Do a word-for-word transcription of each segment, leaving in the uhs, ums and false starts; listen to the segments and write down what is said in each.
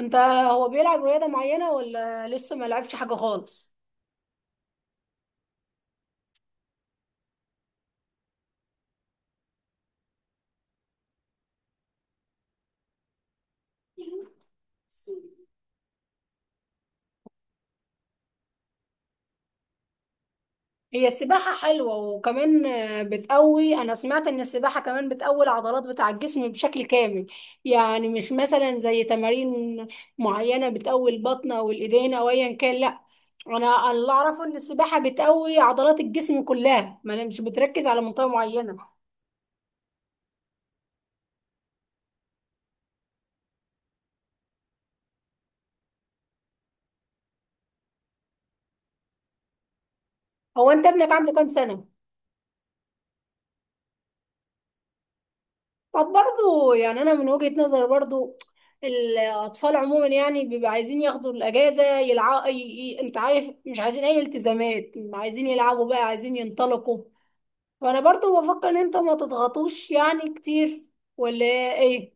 انت هو بيلعب رياضة معينة ولا لسه ما لعبش حاجة خالص؟ هي السباحة حلوة، وكمان آه، بتقوي. أنا سمعت إن السباحة كمان بتقوي العضلات بتاع الجسم بشكل كامل. يعني مش مثلا زي تمارين معينة بتقوي البطن أو الإيدين أو أيا كان، لأ. أنا اللي أعرفه إن السباحة بتقوي عضلات الجسم كلها، ما أنا مش بتركز على منطقة معينة. هو أنت ابنك عنده كام سنة؟ طب برضو يعني انا من وجهة نظر، برضو الاطفال عموما يعني بيبقى عايزين ياخدوا الاجازه يلعبوا. انت عارف، مش عايزين اي التزامات، عايزين يلعبوا بقى، عايزين ينطلقوا. فانا برضو بفكر ان انت ما تضغطوش يعني كتير، ولا ايه؟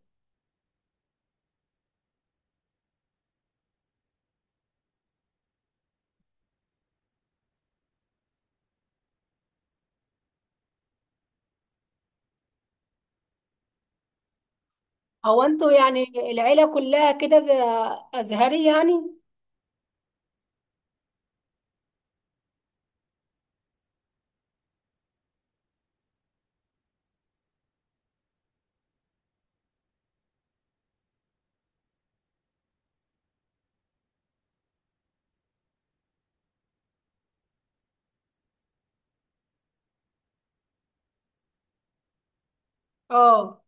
هو انتوا يعني العيله كلها كده، ازهري يعني؟ اه،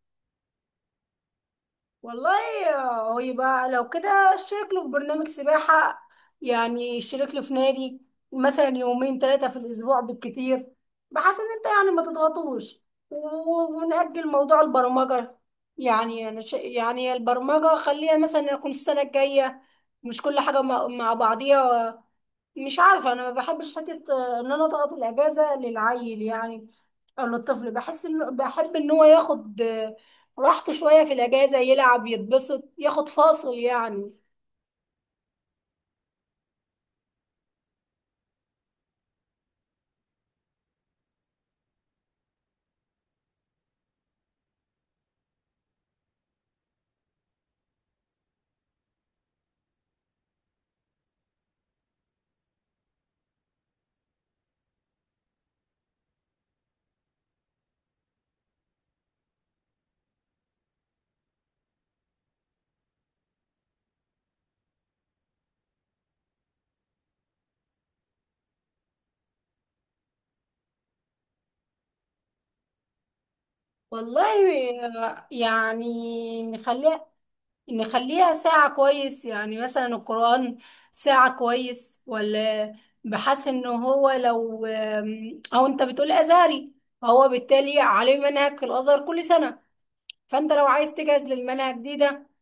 والله. هو يبقى لو كده اشترك له في برنامج سباحة، يعني اشترك له في نادي مثلا يومين ثلاثة في الأسبوع بالكتير، بحيث إن أنت يعني ما تضغطوش. و- ونأجل موضوع البرمجة. يعني أنا شا- يعني البرمجة خليها مثلا يكون السنة الجاية. مش كل حاجة مع مع بعضيها. مش عارفة، أنا ما بحبش حتة آه، إن أنا أضغط الأجازة للعيل يعني، أو للطفل. بحس إنه بحب إن هو ياخد آه، راحته شوية في الأجازة، يلعب يتبسط ياخد فاصل يعني. والله، آه، يعني نخليها نخليها ساعة كويس، يعني مثلا القرآن ساعة كويس ولا... بحس إن هو لو آم، أو أنت بتقول أزهري، فهو بالتالي عليه منهج في الأزهر كل سنة. فأنت لو عايز تجهز للمنهج دي ده،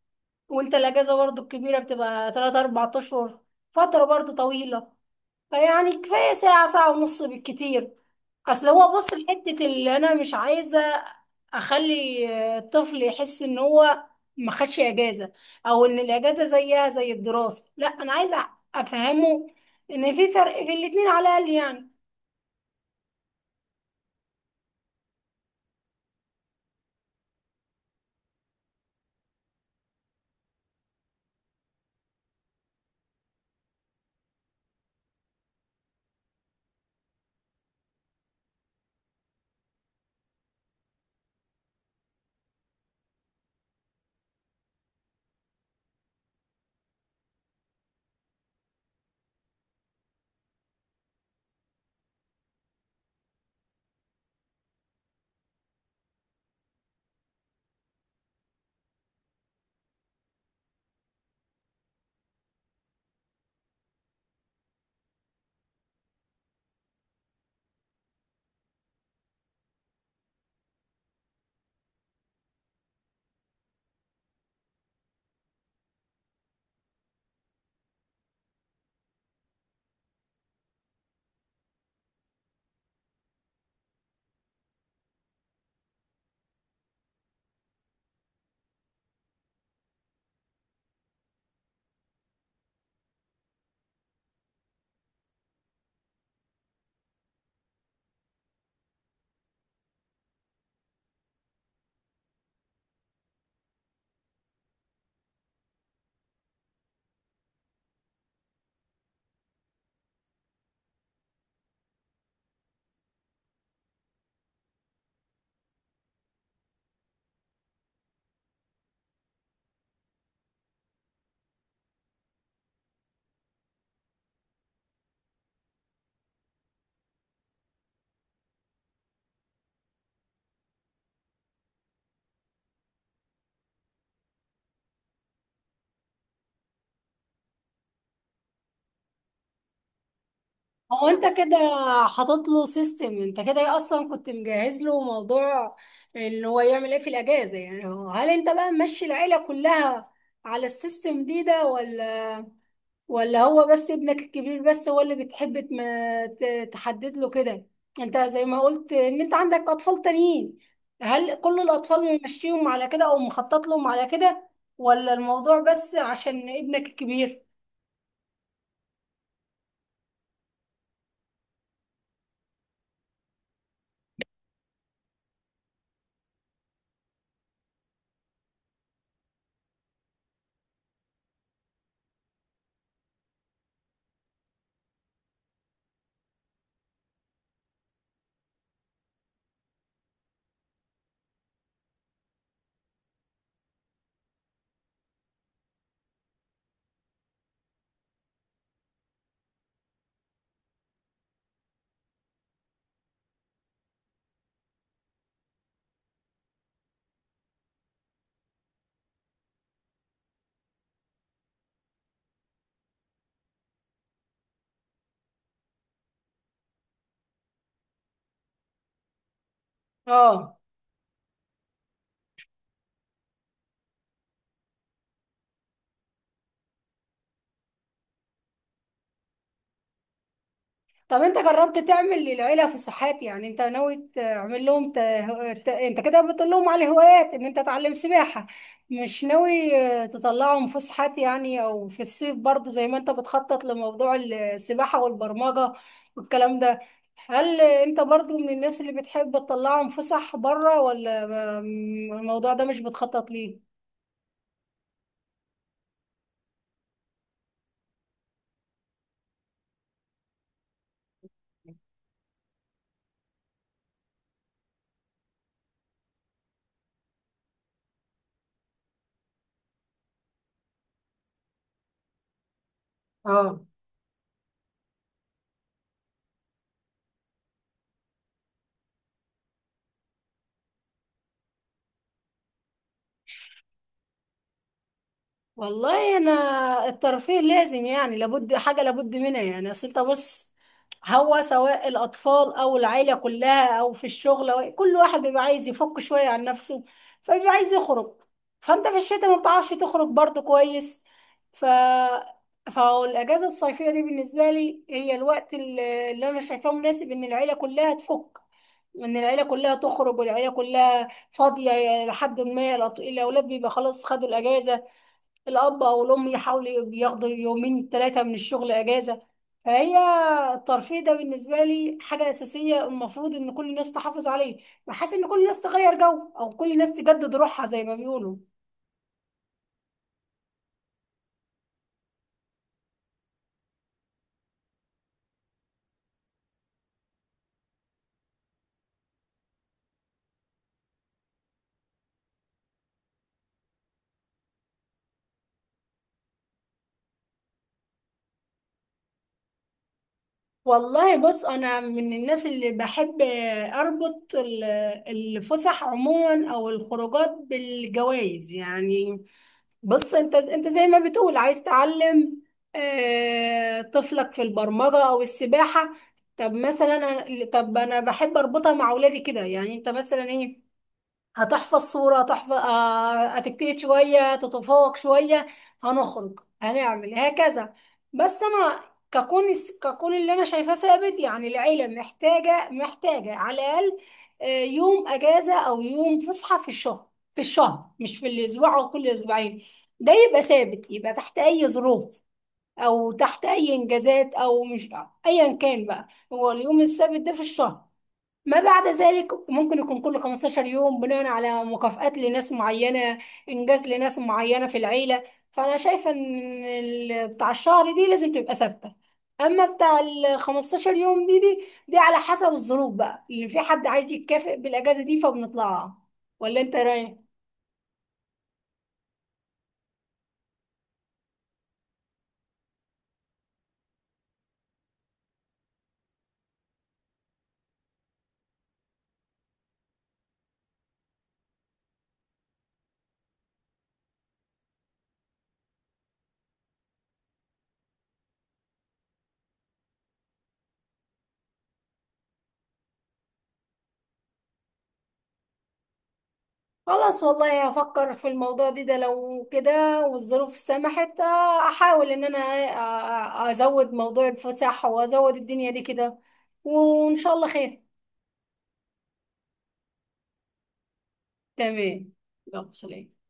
وانت الاجازه برضو الكبيره بتبقى ثلاثة اربعة اشهر، فتره برضو طويله. فيعني كفايه ساعه، ساعه ونص بالكتير. اصل هو، بص، الحته اللي انا مش عايزه اخلي الطفل يحس ان هو ما خدش اجازه، او ان الاجازه زيها زي الدراسه. لا، انا عايزه افهمه ان في فرق في الاتنين على الاقل يعني. هو انت كده حاطط له سيستم، انت كده اصلا كنت مجهز له موضوع ان هو يعمل ايه في الاجازه. يعني هو، هل انت بقى ماشي العيله كلها على السيستم دي ده، ولا ولا هو بس ابنك الكبير، بس هو اللي بتحب تم- ت- تحدد له كده؟ انت زي ما قلت ان انت عندك اطفال تانيين، هل كل الاطفال ممشيهم على كده او مخطط لهم على كده، ولا الموضوع بس عشان ابنك الكبير؟ اه. طب انت جربت تعمل للعيله فسحات؟ يعني انت ناوي تعمل لهم ت... ت... انت كده بتقول لهم على هوايات ان انت تعلم سباحه. مش ناوي اه، تطلعهم فسحات يعني، او في الصيف برضو زي ما انت بتخطط لموضوع السباحه والبرمجه والكلام ده. هل انت برضو من الناس اللي بتحب تطلعهم فسح بره، ولا ما- الموضوع ده مش بتخطط ليه؟ اه، والله. انا الترفيه لازم، يعني لابد، حاجه لابد منها يعني. اصل انت، بص، هو سواء الاطفال او العيله كلها او في الشغل، أو كل واحد بيبقى عايز يفك شويه عن نفسه، فبيبقى عايز يخرج. فانت في الشتاء ما بتعرفش تخرج برضه كويس. ف فالاجازه الصيفيه دي بالنسبه لي هي الوقت اللي اللي انا شايفاه مناسب ان العيله كلها تفك، ان العيله كلها تخرج والعيله كلها فاضيه. لحد ما الأط- الاولاد بيبقى خلاص خدوا الاجازه، الأب أو الأم يحاولوا ياخدوا يومين ثلاثة من الشغل أجازة. فهي الترفيه ده بالنسبة لي حاجة أساسية، المفروض إن كل الناس تحافظ عليه. بحس إن كل الناس تغير جو، أو كل الناس تجدد روحها زي ما بيقولوا. والله، بص، أنا من الناس اللي بحب أربط ال- الفسح عموما أو الخروجات بالجوائز يعني. بص انت انت زي ما بتقول عايز تعلم آه، طفلك في البرمجة او السباحة. طب مثلا أنا- طب انا بحب اربطها مع اولادي كده، يعني انت مثلا ايه، هتحفظ صورة، هتحفظ آه، هتجتهد شوية تتفوق شوية، هنخرج هنعمل هكذا. بس أنا ككون ككون اللي أنا شايفاه ثابت، يعني العيلة محتاجة محتاجة على الأقل آه، يوم أجازة أو يوم فسحة في الشهر. في الشهر، مش في الأسبوع أو كل أسبوعين. ده يبقى ثابت، يبقى تحت أي ظروف، أو تحت أي إنجازات، أو مش، أيا كان بقى. هو اليوم الثابت ده في الشهر، ما بعد ذلك ممكن يكون كل خمستاشر يوم بناء على مكافآت لناس معينة، إنجاز لناس معينة في العيلة. فأنا شايفة إن ال- بتاع الشهر دي لازم تبقى ثابتة. أما بتاع ال خمستاشر يوم دي دي دي على حسب الظروف بقى، اللي في حد عايز يتكافئ بالأجازة دي فبنطلعها، ولا أنت رايح؟ خلاص، والله هفكر في الموضوع دي ده لو كده، والظروف سمحت، آه، أحاول إن أنا آه، آه، أزود موضوع الفسح وأزود الدنيا دي كده، وإن شاء الله خير. تمام، يلا سلام.